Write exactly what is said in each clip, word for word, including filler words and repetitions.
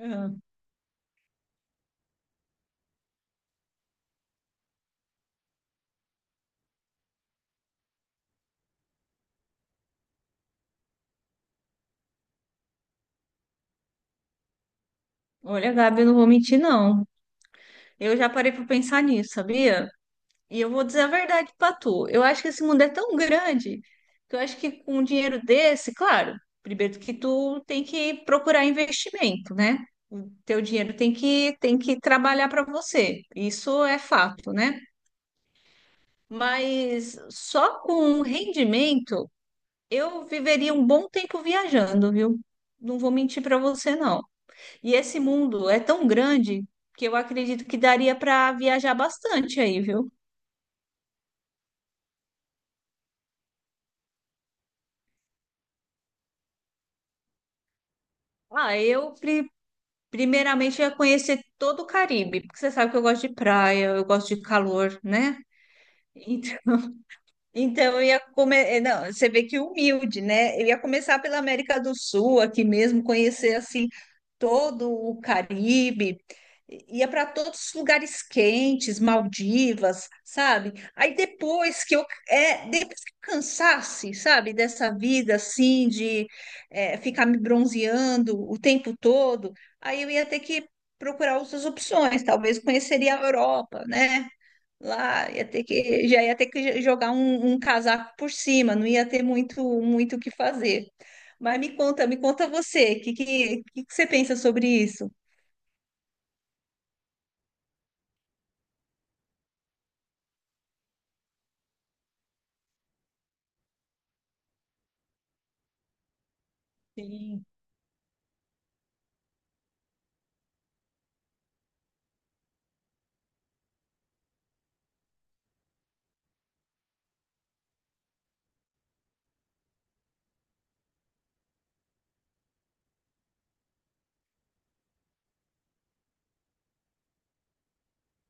Ah, olha, Gabi, eu não vou mentir, não. Eu já parei para pensar nisso, sabia? E eu vou dizer a verdade para tu. Eu acho que esse mundo é tão grande que eu acho que com um dinheiro desse, claro, primeiro que tu tem que procurar investimento, né? O teu dinheiro tem que, tem que trabalhar para você. Isso é fato, né? Mas só com um rendimento eu viveria um bom tempo viajando, viu? Não vou mentir para você, não. E esse mundo é tão grande que eu acredito que daria para viajar bastante aí, viu? Ah, eu pri- Primeiramente ia conhecer todo o Caribe, porque você sabe que eu gosto de praia, eu gosto de calor, né? Então, Então, eu ia começar. Não, você vê que humilde, né? Eu ia começar pela América do Sul, aqui mesmo, conhecer assim todo o Caribe, ia para todos os lugares quentes, Maldivas, sabe? Aí depois que eu, é, depois que eu cansasse, sabe, dessa vida assim, de é, ficar me bronzeando o tempo todo, aí eu ia ter que procurar outras opções, talvez conheceria a Europa, né? Lá ia ter que, já ia ter que jogar um, um casaco por cima, não ia ter muito muito o que fazer. Mas me conta, me conta você, o que, que, que que você pensa sobre isso? Sim,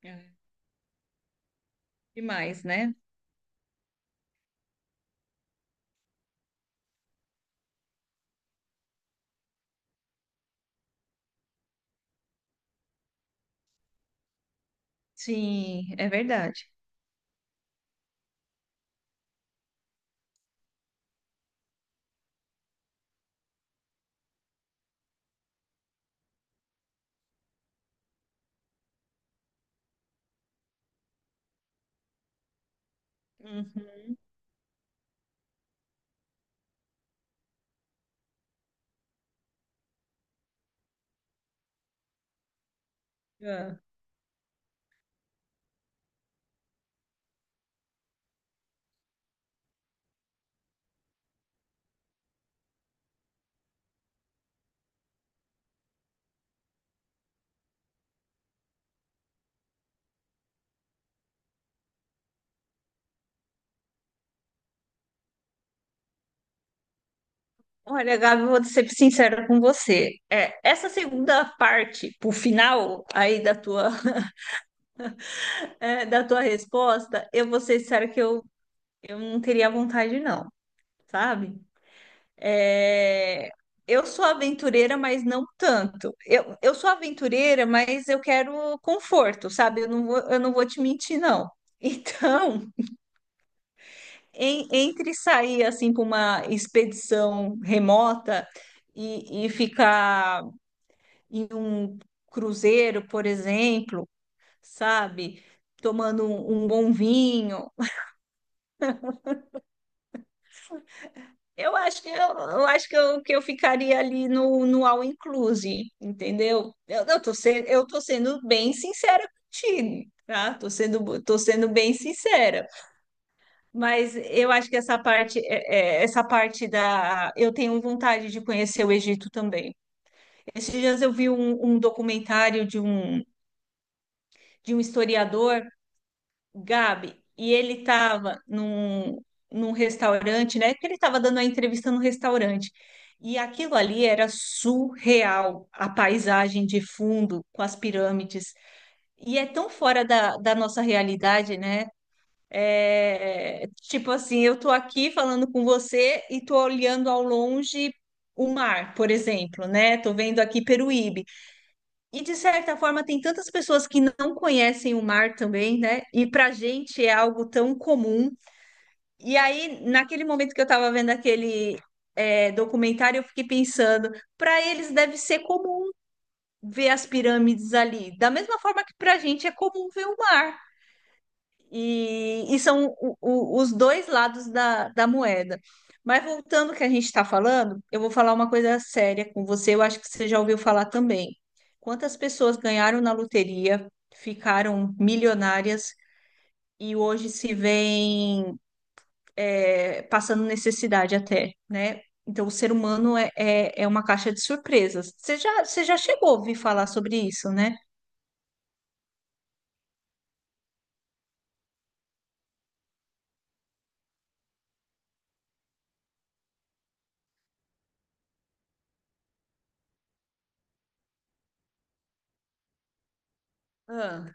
é. Demais, né? Sim, é verdade. Uhum. É. Olha, Gabi, eu vou ser sincera com você. É, essa segunda parte, pro final aí da tua, é, da tua resposta, eu vou ser sincera que eu, eu não teria vontade, não, sabe? É, eu sou aventureira, mas não tanto. Eu, eu sou aventureira, mas eu quero conforto, sabe? Eu não vou, eu não vou te mentir, não. Então, em- entre sair assim para uma expedição remota e, e ficar em um cruzeiro, por exemplo, sabe? Tomando um, um bom vinho. Eu acho que eu, eu acho que eu, que eu ficaria ali no, no all inclusive, entendeu? Eu, eu tô sendo, eu tô sendo bem sincera contigo, tá? Tô sendo, tô sendo bem sincera. Mas eu acho que essa parte, é- é, essa parte da, eu tenho vontade de conhecer o Egito também. Esses dias eu vi um, um documentário de um, de um historiador, Gabi, e ele estava num, num restaurante, né? Que ele estava dando a entrevista no restaurante. E aquilo ali era surreal, a paisagem de fundo com as pirâmides. E é tão fora da, da nossa realidade, né? É, tipo assim, eu tô aqui falando com você e tô olhando ao longe o mar, por exemplo, né? Tô vendo aqui Peruíbe. E de certa forma, tem tantas pessoas que não conhecem o mar também, né? E pra gente é algo tão comum. E aí, naquele momento que eu tava vendo aquele é, documentário, eu fiquei pensando, pra eles deve ser comum ver as pirâmides ali, da mesma forma que pra gente é comum ver o mar. E, e são o- o- os dois lados da, da moeda. Mas voltando ao que a gente está falando, eu vou falar uma coisa séria com você. Eu acho que você já ouviu falar também. Quantas pessoas ganharam na loteria, ficaram milionárias e hoje se veem é, passando necessidade até, né? Então, o ser humano é, é, é uma caixa de surpresas. Você já, você já chegou a ouvir falar sobre isso, né? Ah,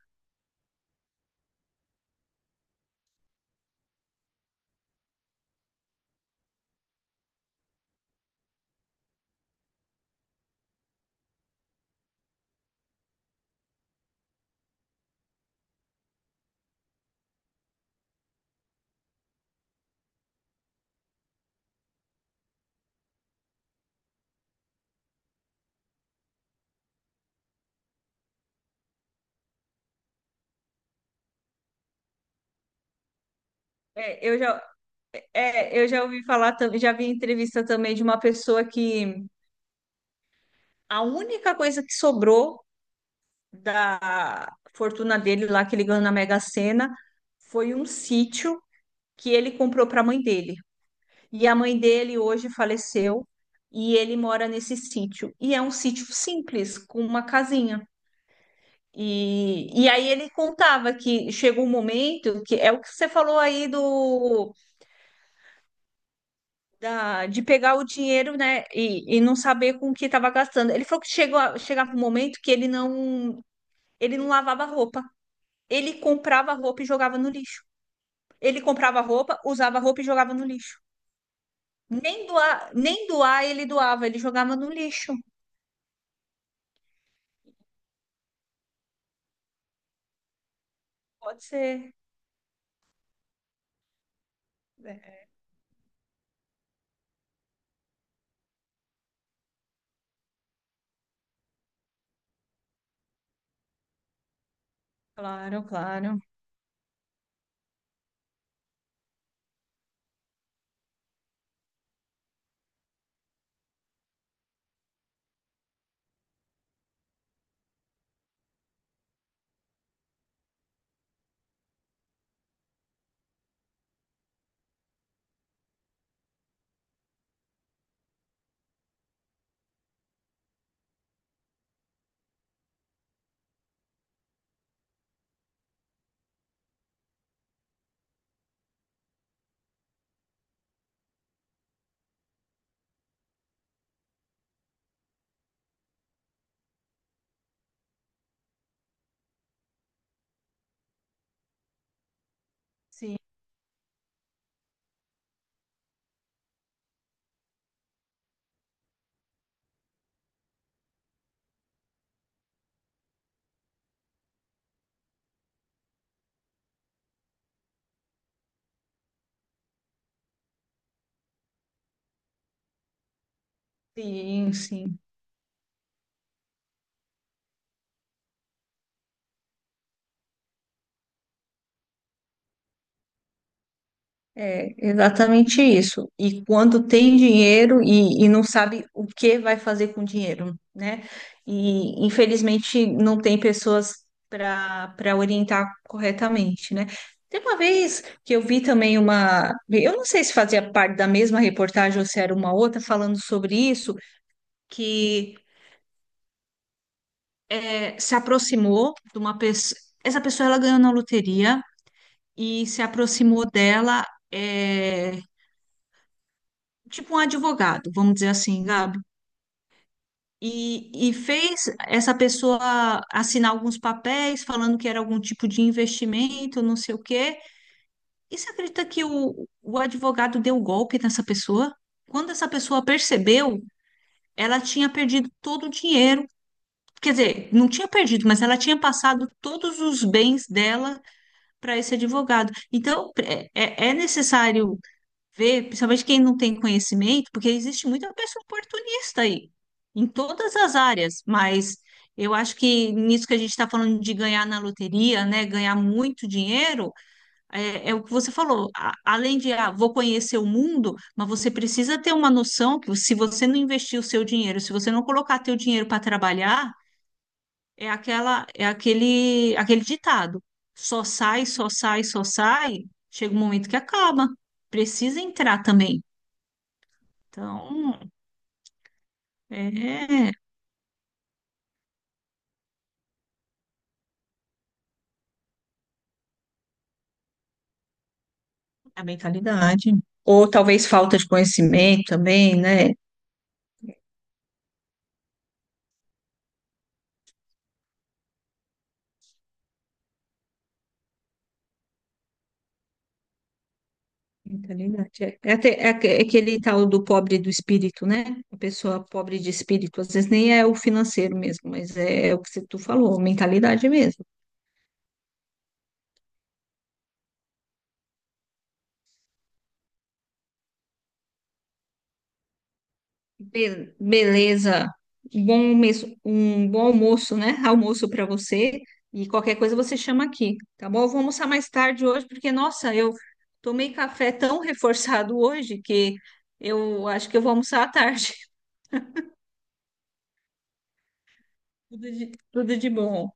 É, eu já, É, eu já ouvi falar, tam- já vi entrevista também de uma pessoa que a única coisa que sobrou da fortuna dele lá que ele ganhou na Mega Sena foi um sítio que ele comprou para a mãe dele. E a mãe dele hoje faleceu e ele mora nesse sítio. E é um sítio simples, com uma casinha. E, e aí ele contava que chegou um momento que é o que você falou aí do da- de pegar o dinheiro, né, e, e não saber com o que estava gastando. Ele falou que chegou a, chegava um momento que ele não, ele não lavava roupa. Ele comprava roupa e jogava no lixo. Ele comprava roupa, usava roupa e jogava no lixo. Nem doar, nem doar ele doava, ele jogava no lixo. Pode ser. É, claro, claro. Sim, sim, sim. É exatamente isso. E quando tem dinheiro e, e não sabe o que vai fazer com o dinheiro, né? E infelizmente não tem pessoas para para orientar corretamente, né? Tem uma vez que eu vi também uma, eu não sei se fazia parte da mesma reportagem ou se era uma outra falando sobre isso, que é, se aproximou de uma pessoa. Essa pessoa ela ganhou na loteria e se aproximou dela. é, tipo um advogado, vamos dizer assim, Gabi, e, e fez essa pessoa assinar alguns papéis falando que era algum tipo de investimento, não sei o quê. E você acredita que o, o advogado deu golpe nessa pessoa? Quando essa pessoa percebeu, ela tinha perdido todo o dinheiro. Quer dizer, não tinha perdido, mas ela tinha passado todos os bens dela para esse advogado. Então, é, é é necessário ver, principalmente quem não tem conhecimento, porque existe muita pessoa oportunista aí, em todas as áreas, mas eu acho que nisso que a gente está falando de ganhar na loteria, né, ganhar muito dinheiro, é, é o que você falou, a- além de, ah, vou conhecer o mundo, mas você precisa ter uma noção que se você não investir o seu dinheiro, se você não colocar teu dinheiro para trabalhar, é aquela, é aquele, aquele ditado, só sai, só sai, só sai, chega um momento que acaba, precisa entrar também. Então, é a mentalidade. Ou talvez falta de conhecimento também, né? Mentalidade. É, é até- é aque- é aquele tal do pobre do espírito, né? A pessoa pobre de espírito, às vezes nem é o financeiro mesmo, mas é o que você- tu falou, mentalidade mesmo. Be- beleza. Bom almoço, um bom almoço, né? Almoço para você. E qualquer coisa você chama aqui, tá bom? Eu vou almoçar mais tarde hoje, porque, nossa, eu tomei café tão reforçado hoje que eu acho que eu vou almoçar à tarde. Tudo de, tudo de bom.